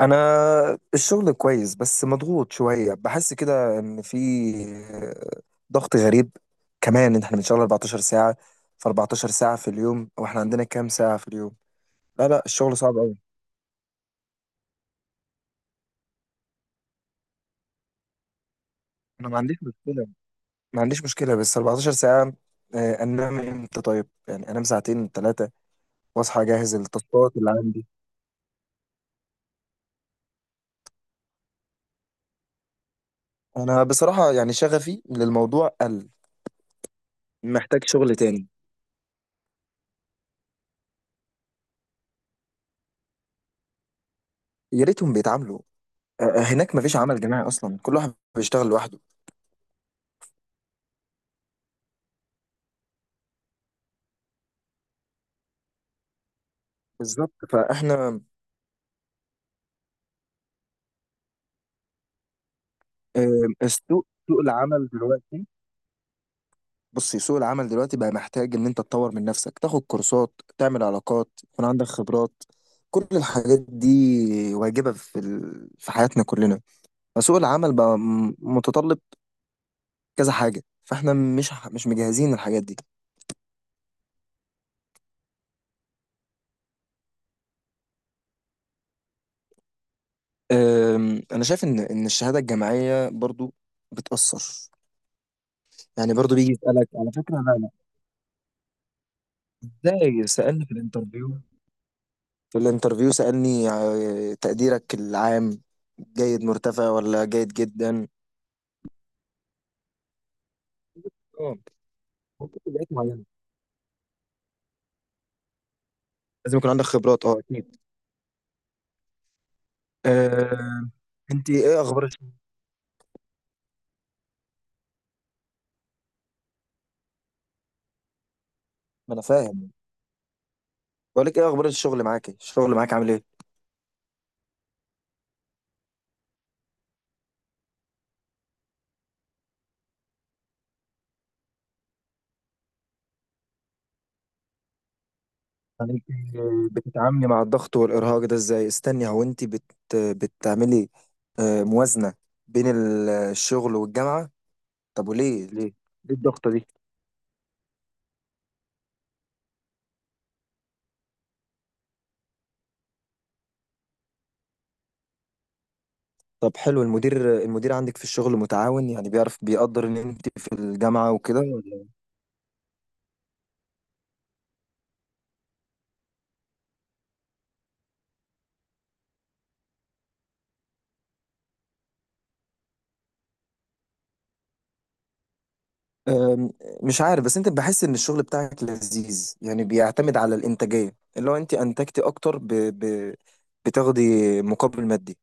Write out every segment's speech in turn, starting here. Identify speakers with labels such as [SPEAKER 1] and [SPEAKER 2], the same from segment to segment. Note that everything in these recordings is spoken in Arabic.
[SPEAKER 1] انا الشغل كويس، بس مضغوط شويه، بحس كده ان في ضغط غريب. كمان ان احنا بنشتغل 14 ساعه. ف 14 ساعه في اليوم، واحنا عندنا كام ساعه في اليوم؟ لا لا، الشغل صعب قوي. انا ما عنديش مشكله، ما عنديش مشكله، بس 14 ساعه. انام امتى طيب؟ يعني انام ساعتين ثلاثه واصحى اجهز التاسكات اللي عندي. انا بصراحه يعني شغفي للموضوع قل، محتاج شغل تاني. يا ريتهم بيتعاملوا. هناك مفيش عمل جماعي اصلا، كل واحد بيشتغل لوحده. بالظبط، فاحنا آه، السوق سوق العمل دلوقتي، بصي سوق العمل دلوقتي بقى محتاج ان انت تطور من نفسك، تاخد كورسات، تعمل علاقات، يكون عندك خبرات. كل الحاجات دي واجبة في حياتنا كلنا. فسوق العمل بقى متطلب كذا حاجة، فاحنا مش مجهزين الحاجات دي. انا شايف ان الشهادة الجامعية برضو بتأثر. يعني برضو بيجي يسألك على فكرة. لا لا، ازاي؟ سألني في الانترفيو، سألني تقديرك العام جيد مرتفع ولا جيد جدا. اه، تبعات معينة، لازم يكون عندك خبرات. اه، اكيد. آه، انت ايه اخبار الشغل؟ ما انا فاهم، بقول لك ايه اخبار الشغل معاك؟ إيه الشغل معاك عامل ايه؟ يعني انت بتتعاملي مع الضغط والارهاق ده ازاي؟ استني، هو انت بتعملي موازنة بين الشغل والجامعة؟ طب وليه؟ ليه ليه الضغطة دي؟ طب حلو، المدير عندك في الشغل متعاون؟ يعني بيعرف، بيقدر ان انت في الجامعة وكده ولا؟ أم، مش عارف، بس انت بحس ان الشغل بتاعك لذيذ؟ يعني بيعتمد على الانتاجية، اللي هو انت انتجتي اكتر بتاخدي مقابل مادي؟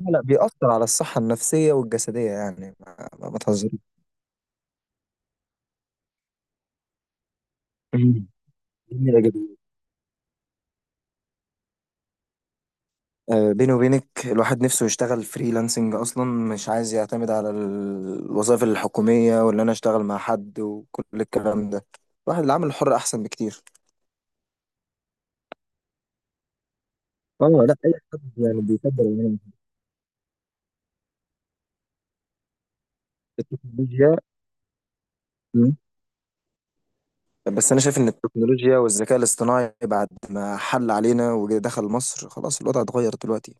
[SPEAKER 1] لا لا، بيأثر على الصحة النفسية والجسدية يعني، ما تهزريش. مم. جميلة جدا. بيني وبينك الواحد نفسه يشتغل فريلانسنج اصلا، مش عايز يعتمد على الوظائف الحكوميه، ولا انا اشتغل مع حد وكل الكلام ده. الواحد العمل الحر احسن بكتير. اه لا، اي حد يعني بيفضل يعني التكنولوجيا. مم. بس انا شايف ان التكنولوجيا والذكاء الاصطناعي بعد ما حل علينا ودخل مصر خلاص الوضع اتغير دلوقتي.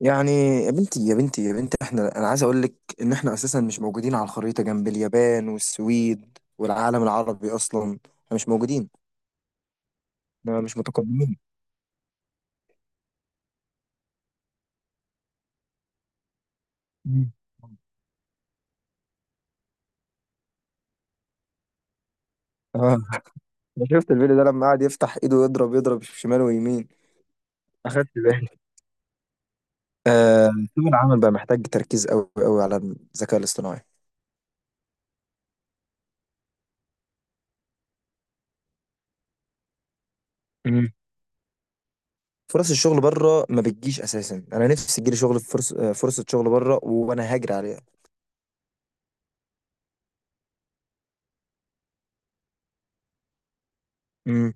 [SPEAKER 1] يعني يا بنتي يا بنتي يا بنتي، انا عايز اقول لك ان احنا اساسا مش موجودين على الخريطه جنب اليابان والسويد، والعالم العربي اصلا احنا مش موجودين. ما مش متقدمين. مم. اه، انا شفت الفيديو ده لما قعد يفتح ايده يضرب يضرب شمال ويمين. اخدت بالي. آه. سوق العمل بقى محتاج تركيز قوي قوي على الذكاء الاصطناعي. مم. فرص الشغل بره ما بتجيش اساسا، انا نفسي تجيلي شغل، فرص فرصه شغل بره وانا هاجر عليها. امم.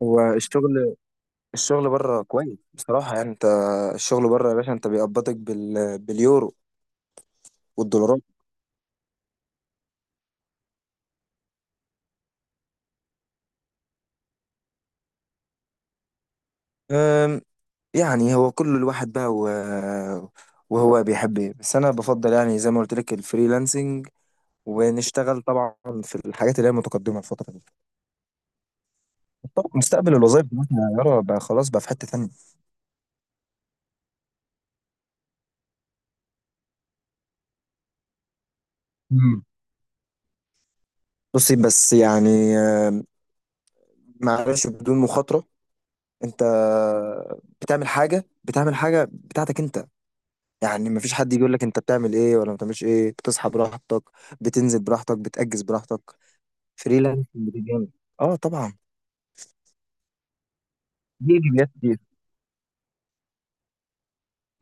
[SPEAKER 1] والشغل، الشغل بره كويس بصراحه يعني. انت الشغل بره يا باشا انت بيقبضك باليورو والدولارات. أم، يعني هو كل الواحد بقى وهو بيحب ايه. بس انا بفضل يعني زي ما قلت لك الفريلانسنج، ونشتغل طبعا في الحاجات اللي هي متقدمه الفتره دي. طبعا مستقبل الوظائف دلوقتي يا يارا بقى خلاص بقى في حته ثانيه. مم. بصي بس يعني، معلش، بدون مخاطره انت بتعمل حاجه بتاعتك انت، يعني مفيش حد يجي يقول لك انت بتعمل ايه ولا ما بتعملش ايه. بتصحى براحتك، بتنزل براحتك، بتأجز براحتك. فريلانسنج بتجاني. اه طبعا. دي ايجابيات،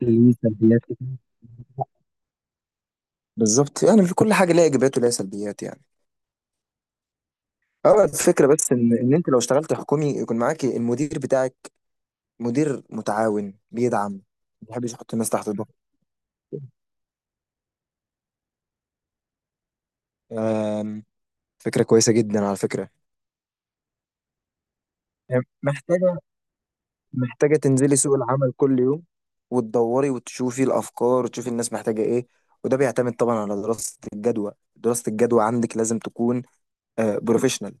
[SPEAKER 1] ليه سلبيات كتير. بالظبط، يعني في كل حاجه ليها ايجابيات وليها سلبيات يعني. اه، الفكره بس ان انت لو اشتغلت حكومي يكون معاك المدير بتاعك، مدير متعاون بيدعم، ما بيحبش يحط الناس تحت ضغط. آم، فكره كويسه جدا على فكره. يعني محتاجه تنزلي سوق العمل كل يوم، وتدوري وتشوفي الافكار، وتشوفي الناس محتاجه ايه. وده بيعتمد طبعا على دراسه الجدوى، عندك لازم تكون بروفيشنال،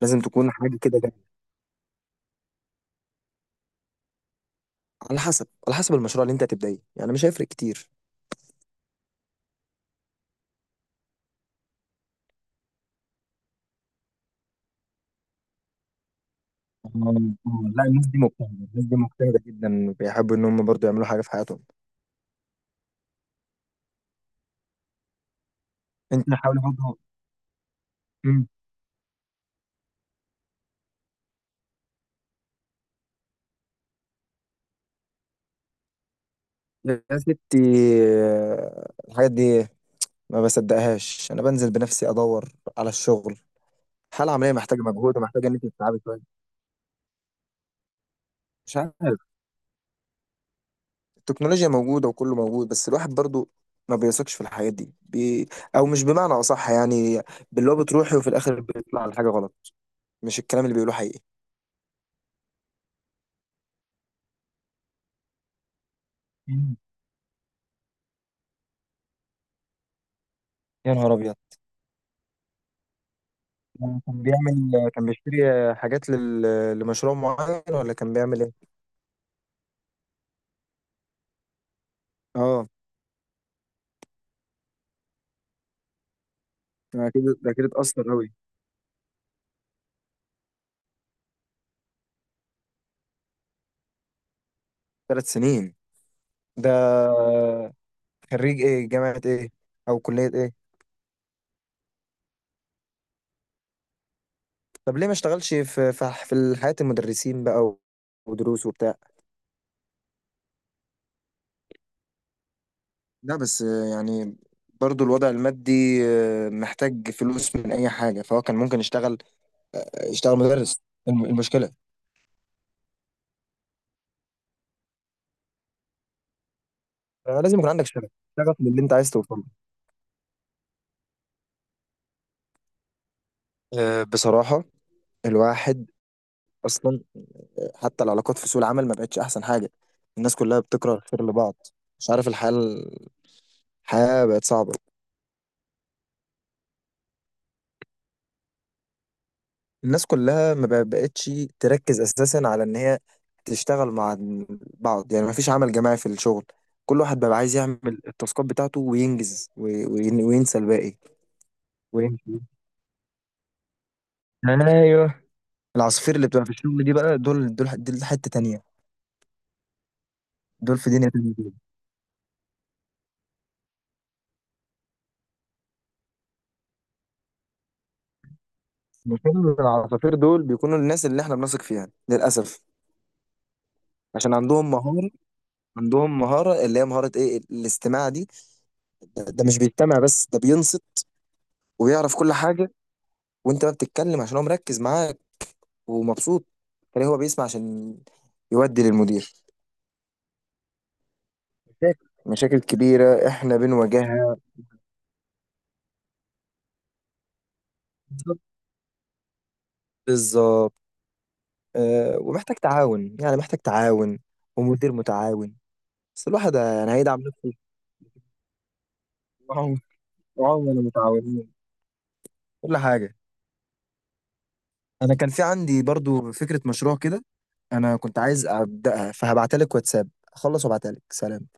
[SPEAKER 1] لازم تكون حاجه كده. على حسب المشروع اللي انت هتبدأيه، يعني مش هيفرق كتير. آه، لا، الناس دي مجتهدة، الناس دي مجتهدة جدا، بيحبوا ان هم برضو يعملوا حاجة في حياتهم. انت حاول برضو. مم. يا ستي، الحاجات دي ما بصدقهاش، انا بنزل بنفسي ادور على الشغل. حالة عملية محتاجة مجهود، ومحتاجة ان انت تتعبي شوية. مش عارف، التكنولوجيا موجودة وكله موجود، بس الواحد برضو ما بيثقش في الحاجات دي او مش، بمعنى اصح يعني، باللي هو بتروحي وفي الاخر بيطلع الحاجة غلط، مش الكلام اللي بيقولوه حقيقي. يا نهار ابيض. يعني كان بيشتري حاجات لمشروع معين، ولا كان بيعمل ايه؟ اه، ده اكيد ده اكيد اتأثر أوي. 3 سنين. ده خريج ايه، جامعة ايه او كلية ايه؟ طب ليه ما اشتغلش في حياة المدرسين بقى ودروس وبتاع؟ لا بس يعني برضو الوضع المادي، محتاج فلوس من اي حاجة، فهو كان ممكن يشتغل مدرس. المشكلة، لازم يكون عندك شغف، شغف للي انت عايز توصله. بصراحة الواحد اصلا حتى العلاقات في سوق العمل ما بقتش احسن حاجه. الناس كلها بتكره الخير لبعض. مش عارف، الحياه بقت صعبه. الناس كلها ما بقتش تركز اساسا على ان هي تشتغل مع بعض، يعني ما فيش عمل جماعي في الشغل. كل واحد بقى عايز يعمل التاسكات بتاعته وينجز وينسى الباقي ويمشي. ايوه، العصافير اللي بتبقى في الشغل دي بقى دول دول دول حته تانيه، دول في دنيا تانيه دول. مش كل العصافير دول بيكونوا الناس اللي احنا بنثق فيها للاسف. عشان عندهم مهارة، عندهم مهارة، اللي هي مهارة ايه؟ الاستماع دي. ده مش بيستمع بس، ده بينصت ويعرف كل حاجة. وانت ما بتتكلم عشان هو مركز معاك ومبسوط. تلاقيه هو بيسمع عشان يودي للمدير مشاكل. مشاكل كبيرة احنا بنواجهها. بالظبط. بالظبط. أه، ومحتاج تعاون يعني، محتاج تعاون ومدير متعاون، بس الواحد يعني هيدعم نفسه. وعم- وعملاء متعاونين، كل حاجة. انا كان في عندي برضو فكرة مشروع كده، انا كنت عايز ابدأها. فهبعتلك واتساب اخلص وابعتلك، سلام.